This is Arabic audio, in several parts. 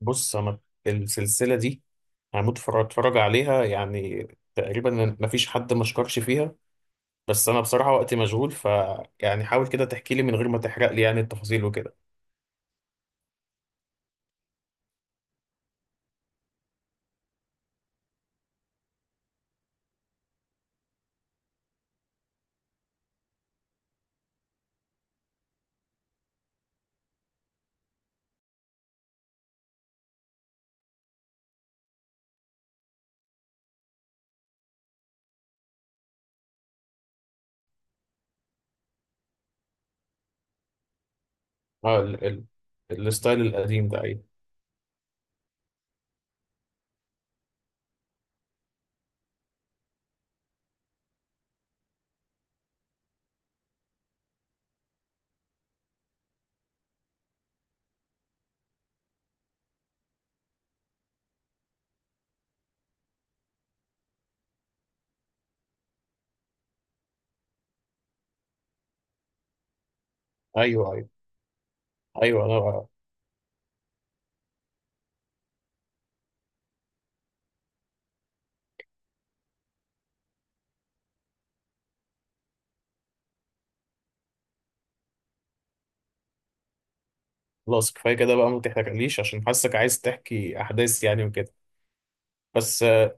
بص انا السلسله دي هموت اتفرج عليها يعني تقريبا. ما فيش حد ما شكرش فيها. بس انا بصراحه وقتي مشغول يعني حاول كده تحكي لي من غير ما تحرق لي يعني التفاصيل وكده. اه، ال ال الستايل القديم ده. ايوه ايوه ايوه ايوه. خلاص كفايه كده بقى، ما تحرقليش عشان حاسك عايز تحكي احداث يعني وكده. بس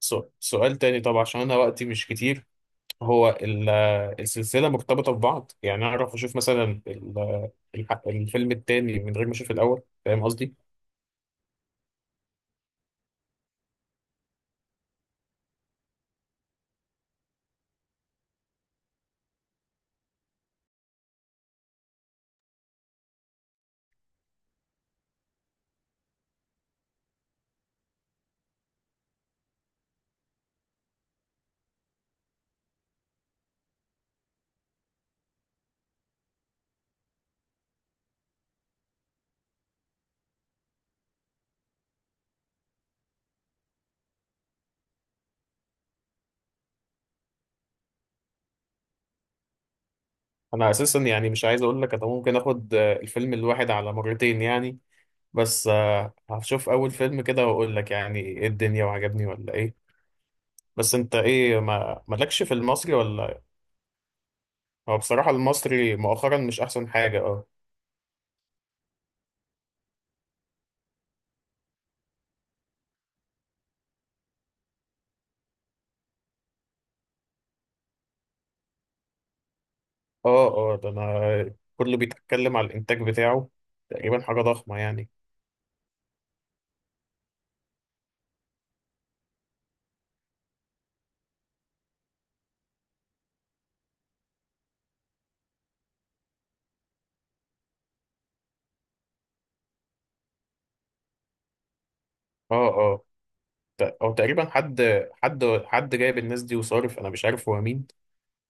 سؤال تاني طبعا عشان انا وقتي مش كتير. هو السلسله مرتبطه ببعض، يعني اعرف اشوف مثلا الفيلم التاني من غير ما اشوف الاول، فاهم قصدي؟ انا اساسا يعني مش عايز اقول لك، انا ممكن اخد الفيلم الواحد على مرتين يعني. بس هشوف اول فيلم كده واقول لك يعني ايه الدنيا، وعجبني ولا ايه. بس انت ايه، ما مالكش في المصري ولا؟ هو بصراحة المصري مؤخرا مش احسن حاجة. اه. اه اه، ده انا كله بيتكلم على الانتاج بتاعه. تقريبا حاجة ضخمة يعني. اه اه، او تقريبا حد، جايب الناس دي وصارف، انا مش عارف هو مين.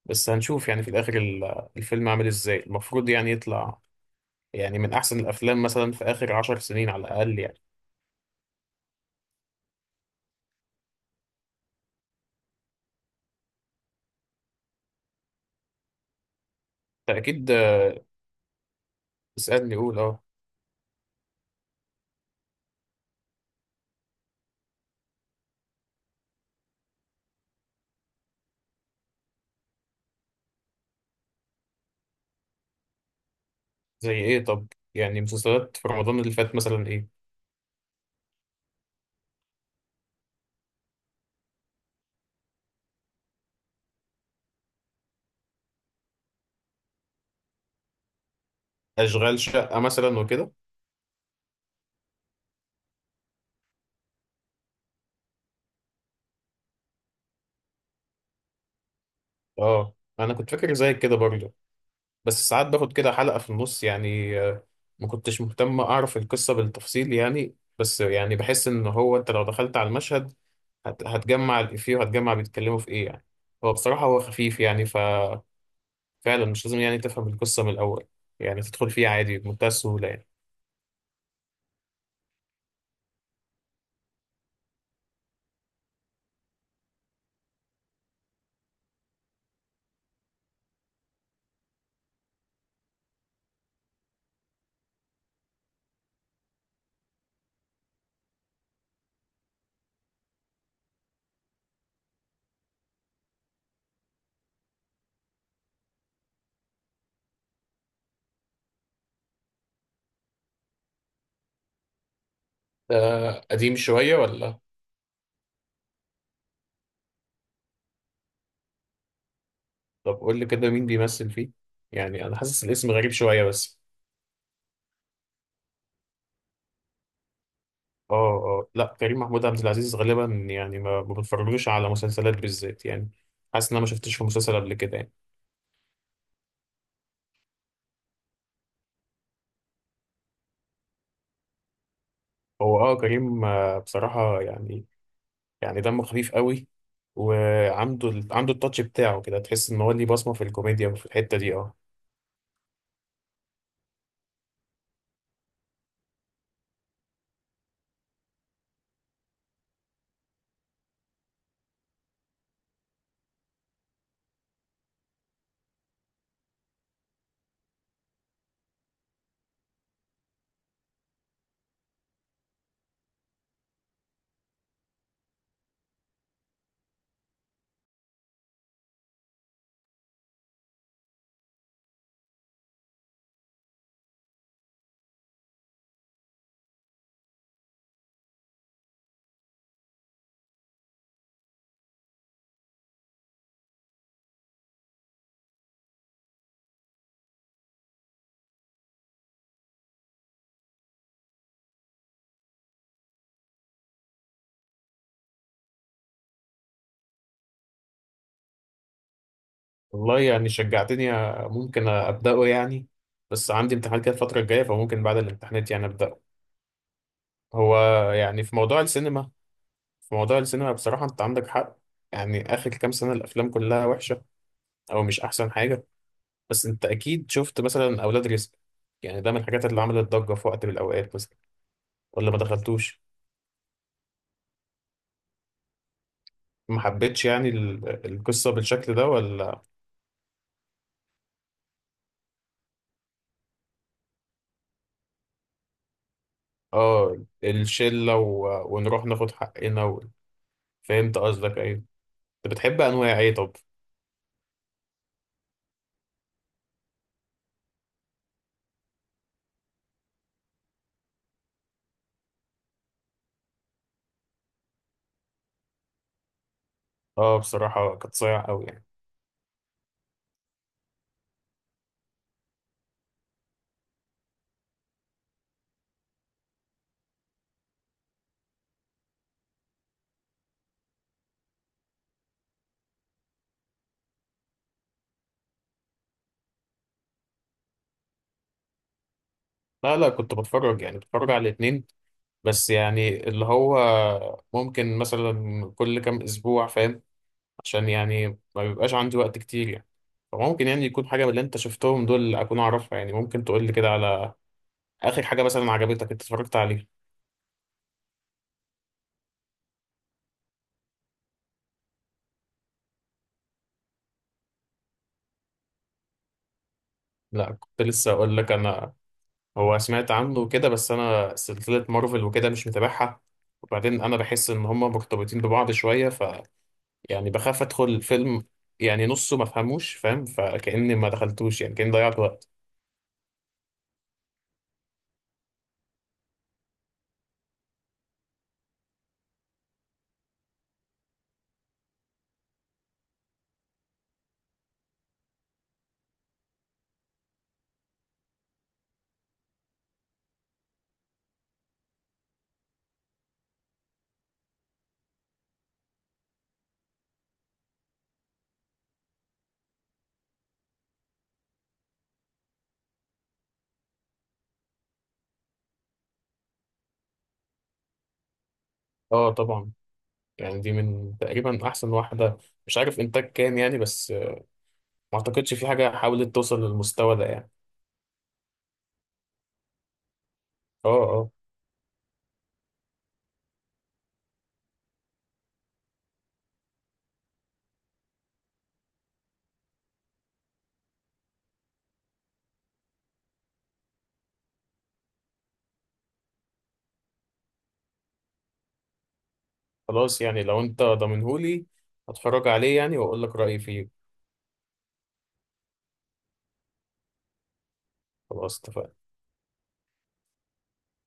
بس هنشوف يعني في الاخر الفيلم عامل ازاي المفروض يعني يطلع، يعني من احسن الافلام مثلا في اخر 10 سنين على الاقل يعني. فاكيد اسالني قول اه. زي ايه طب، يعني مسلسلات في رمضان اللي فات مثلا ايه، اشغال شقه مثلا وكده. اه، انا كنت فاكر زي كده برضه. بس ساعات باخد كده حلقه في النص، يعني ما كنتش مهتم اعرف القصه بالتفصيل يعني. بس يعني بحس ان هو انت لو دخلت على المشهد هتجمع الافيه وهتجمع بيتكلموا في ايه يعني. هو بصراحه، هو خفيف يعني، فعلا مش لازم يعني تفهم القصة من الأول. يعني تدخل فيه عادي بمنتهى السهولة يعني. ده قديم شوية ولا؟ طب قول لي كده مين بيمثل فيه. يعني أنا حاسس الاسم غريب شوية بس. اه اه، لا، كريم محمود عبد العزيز غالبا. يعني ما بتفرجلوش على مسلسلات بالذات يعني. حاسس إن أنا ما شفتش في مسلسل قبل كده يعني. هو كريم بصراحة، يعني يعني دمه خفيف قوي. وعنده عنده التاتش بتاعه كده، تحس إن هو ليه بصمة في الكوميديا وفي الحتة دي. اه. والله يعني شجعتني، ممكن أبدأه يعني. بس عندي امتحانات كده الفترة الجاية، فممكن بعد الامتحانات يعني أبدأه. هو يعني في موضوع السينما، بصراحة أنت عندك حق. يعني آخر كام سنة الأفلام كلها وحشة، أو مش أحسن حاجة. بس أنت أكيد شفت مثلا أولاد رزق، يعني ده من الحاجات اللي عملت ضجة في وقت من الأوقات مثلا، ولا ما دخلتوش؟ ما حبيتش يعني القصة بالشكل ده ولا؟ آه، الشلة و ونروح ناخد حقنا و. فهمت قصدك، أيوه. أنت بتحب أنواع إيه طب؟ اه، بصراحة كانت صايعة قوي يعني. لا لا، كنت بتفرج، يعني بتفرج على الاتنين. بس يعني اللي هو ممكن مثلا كل كام أسبوع، فاهم؟ عشان يعني ما بيبقاش عندي وقت كتير يعني. فممكن يعني يكون حاجة من اللي أنت شفتهم دول أكون أعرفها يعني. ممكن تقول لي كده على آخر حاجة مثلا عجبتك أنت اتفرجت عليها. لا، كنت لسه أقول لك أنا. هو سمعت عنه كده، بس أنا سلسلة مارفل وكده مش متابعها. وبعدين أنا بحس إن هما مرتبطين ببعض شوية، يعني بخاف ادخل الفيلم، يعني نصه ما فهموش فاهم، فكأني ما دخلتوش، يعني كأني ضيعت وقت. اه طبعا، يعني دي من تقريبا احسن واحدة. مش عارف انتاج كام يعني، بس ما اعتقدش في حاجة حاولت توصل للمستوى ده يعني. اه اه، خلاص يعني لو انت ضامنهولي هتفرج عليه يعني واقول لك رأيي فيه. خلاص اتفقنا.